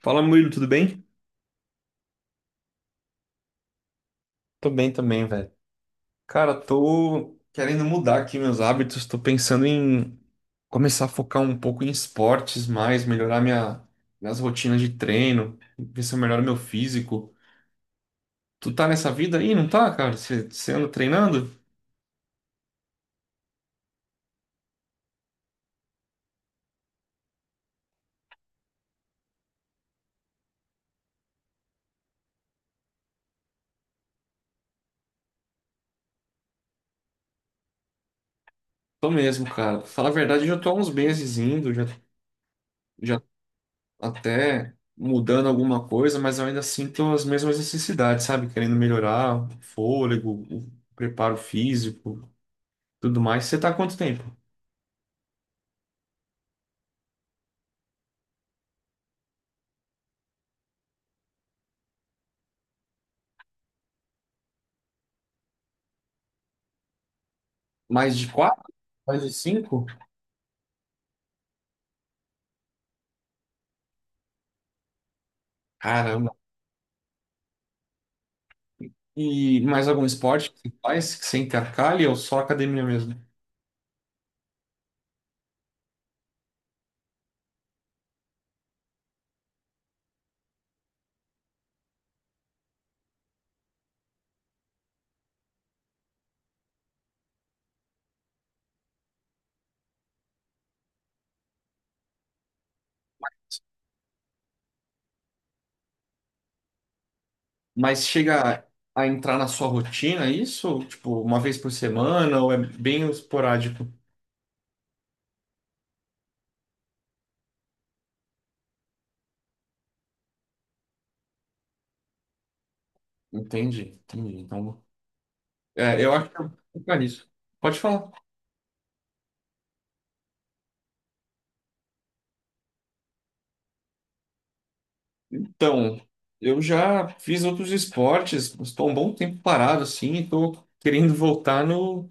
Fala, Murilo, tudo bem? Tô bem também, velho. Cara, tô querendo mudar aqui meus hábitos, tô pensando em começar a focar um pouco em esportes mais, melhorar minhas rotinas de treino, ver se eu melhoro meu físico. Tu tá nessa vida aí, não tá, cara? Você anda treinando? Tô mesmo, cara. Fala a verdade, eu já tô há uns meses indo, já, já até mudando alguma coisa, mas eu ainda sinto as mesmas necessidades, sabe? Querendo melhorar o fôlego, o preparo físico. Tudo mais. Você tá há quanto tempo? Mais de quatro? Mais de cinco? Caramba. E mais algum esporte que você faz que você intercalha ou só academia mesmo? Mas chega a entrar na sua rotina isso? Tipo, uma vez por semana ou é bem esporádico? Entendi, entendi. Então, é, eu acho que eu vou ficar nisso. Pode falar. Então, eu já fiz outros esportes, estou um bom tempo parado assim e tô querendo voltar no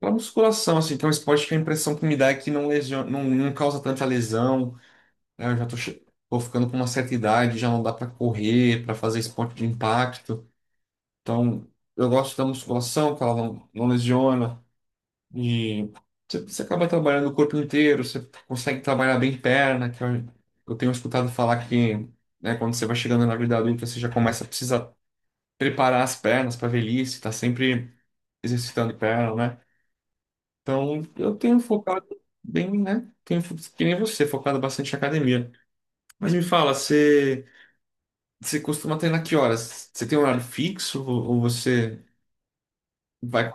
pela musculação, assim, que é um esporte que a impressão que me dá é que não, não causa tanta lesão, né? Eu já tô ficando com uma certa idade, já não dá para correr, para fazer esporte de impacto. Então, eu gosto da musculação, que ela não, não lesiona. E você acaba trabalhando o corpo inteiro, você consegue trabalhar bem perna, eu tenho escutado falar que, né, quando você vai chegando na vida adulta, você já começa a precisar preparar as pernas para velhice, tá sempre exercitando perna, né? Então, eu tenho focado bem, né? Que nem você, focado bastante em academia. Mas me fala, você costuma treinar que horas? Você tem um horário fixo ou você vai,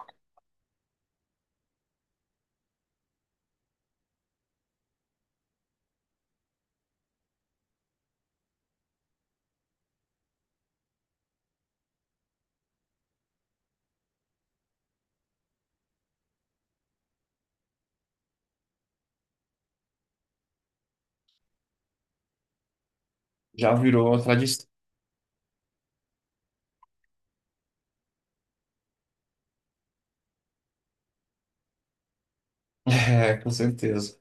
já virou uma tradição? É, com certeza.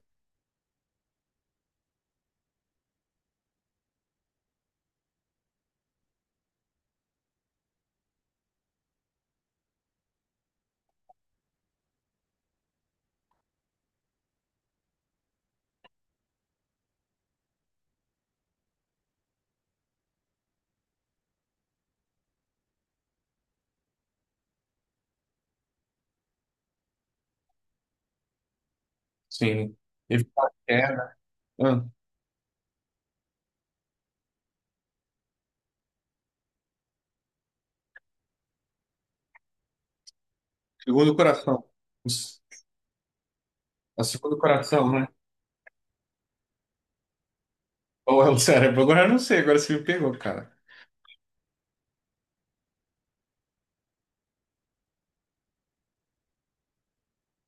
Sim. Evitar queda. Ah, segundo o coração. Os- A segundo o coração, né? Ou é o cérebro? Agora eu não sei, agora você me pegou, cara.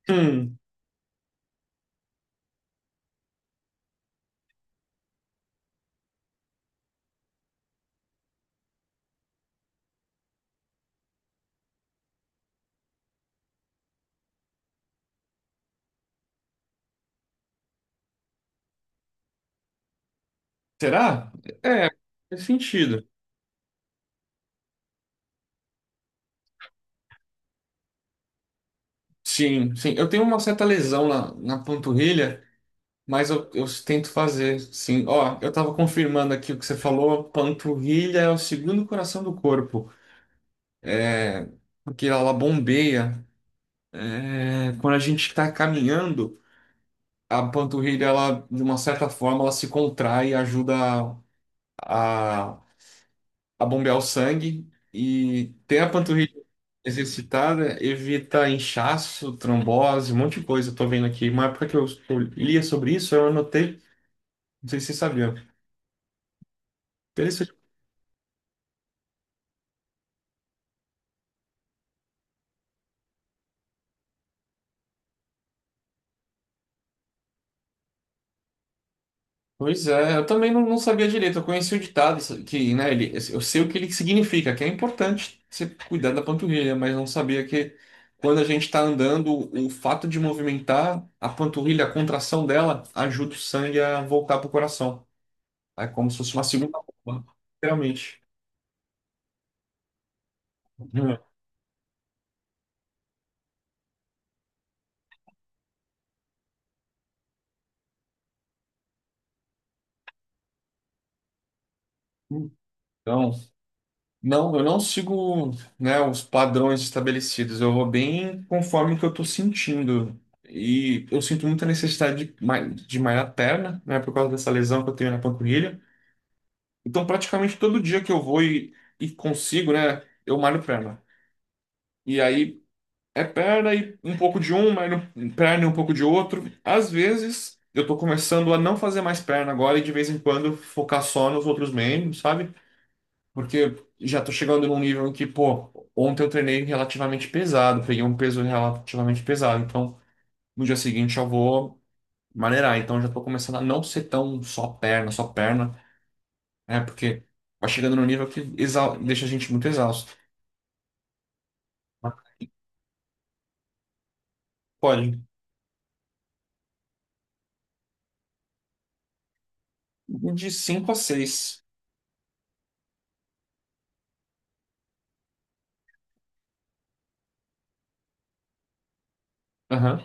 Hum, será? É, faz sentido. Sim, sim. Eu tenho uma certa lesão na, na panturrilha. Mas eu tento fazer, sim. Ó, eu tava confirmando aqui o que você falou, panturrilha é o segundo coração do corpo, é, porque ela bombeia. É, quando a gente está caminhando, a panturrilha, ela, de uma certa forma, ela se contrai e ajuda a, a bombear o sangue. E ter a panturrilha exercitada evita inchaço, trombose, um monte de coisa. Eu tô vendo aqui. Uma época que eu lia sobre isso, eu anotei, não sei se você sabia. Pelo pois é, eu também não, não sabia direito. Eu conheci o ditado isso- que, né, ele, eu sei o que ele significa, que é importante você cuidar da panturrilha, mas não sabia que quando a gente está andando, o fato de movimentar a panturrilha, a contração dela, ajuda o sangue a voltar para o coração. É como se fosse uma segunda bomba, literalmente. Então, não, eu não sigo, né, os padrões estabelecidos. Eu vou bem conforme o que eu estou sentindo. E eu sinto muita necessidade de malhar a perna, né, por causa dessa lesão que eu tenho na panturrilha. Então, praticamente todo dia que eu e consigo, né, eu malho perna. E aí é perna e um pouco de malho perna e um pouco de outro. Às vezes eu tô começando a não fazer mais perna agora e de vez em quando focar só nos outros membros, sabe? Porque já tô chegando num nível em que, pô, ontem eu treinei relativamente pesado, peguei um peso relativamente pesado. Então, no dia seguinte eu vou maneirar. Então, já tô começando a não ser tão só perna, né? Porque vai chegando num nível que deixa a gente muito exausto. Pode. De cinco a seis. Aham.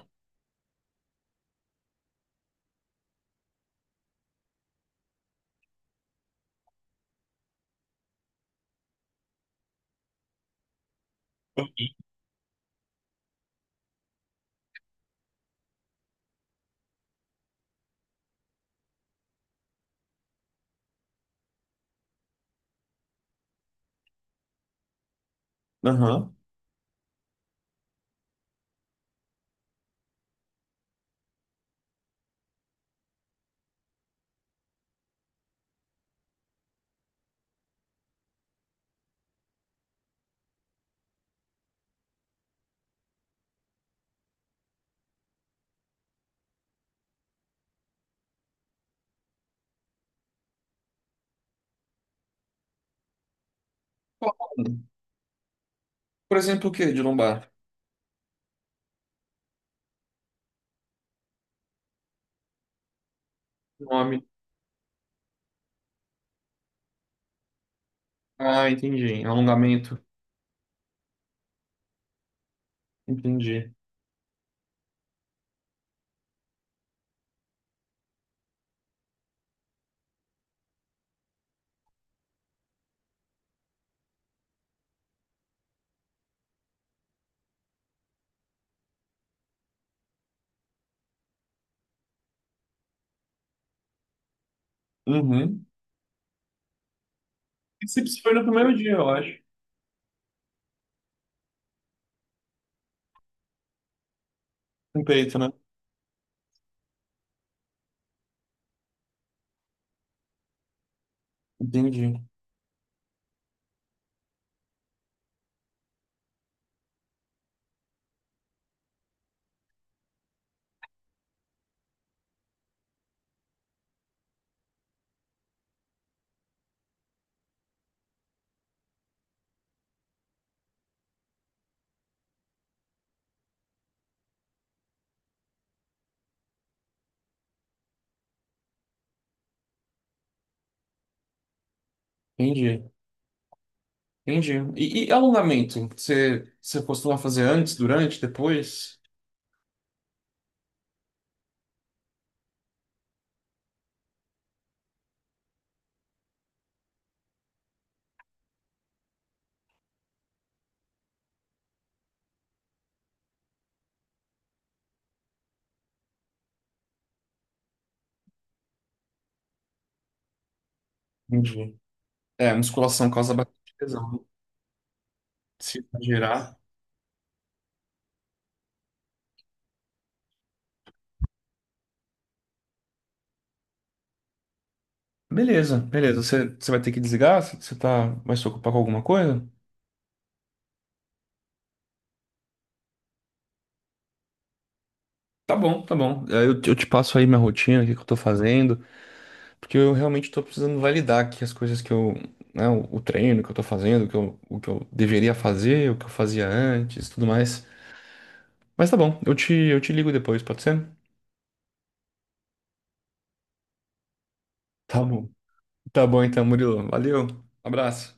Aham. Por exemplo, o que de lombar? Nome. Ah, entendi. Alongamento. Entendi. Uhum. Bíceps foi no primeiro dia, eu acho. Com peito, né? Entendi. Entendi, entendi. E alongamento? Você costuma fazer antes, durante, depois? Entendi. É, musculação causa bastante lesão. Se gerar. Beleza, beleza. Você vai ter que desligar? Você tá, vai se ocupar com alguma coisa? Tá bom, tá bom. É, eu, eu te passo aí minha rotina, o que que eu tô fazendo, porque eu realmente tô precisando validar aqui as coisas que eu, né, o treino que eu tô fazendo, o que o que eu deveria fazer, o que eu fazia antes, tudo mais. Mas tá bom, eu eu te ligo depois, pode ser? Tá bom. Tá bom então, Murilo. Valeu. Abraço.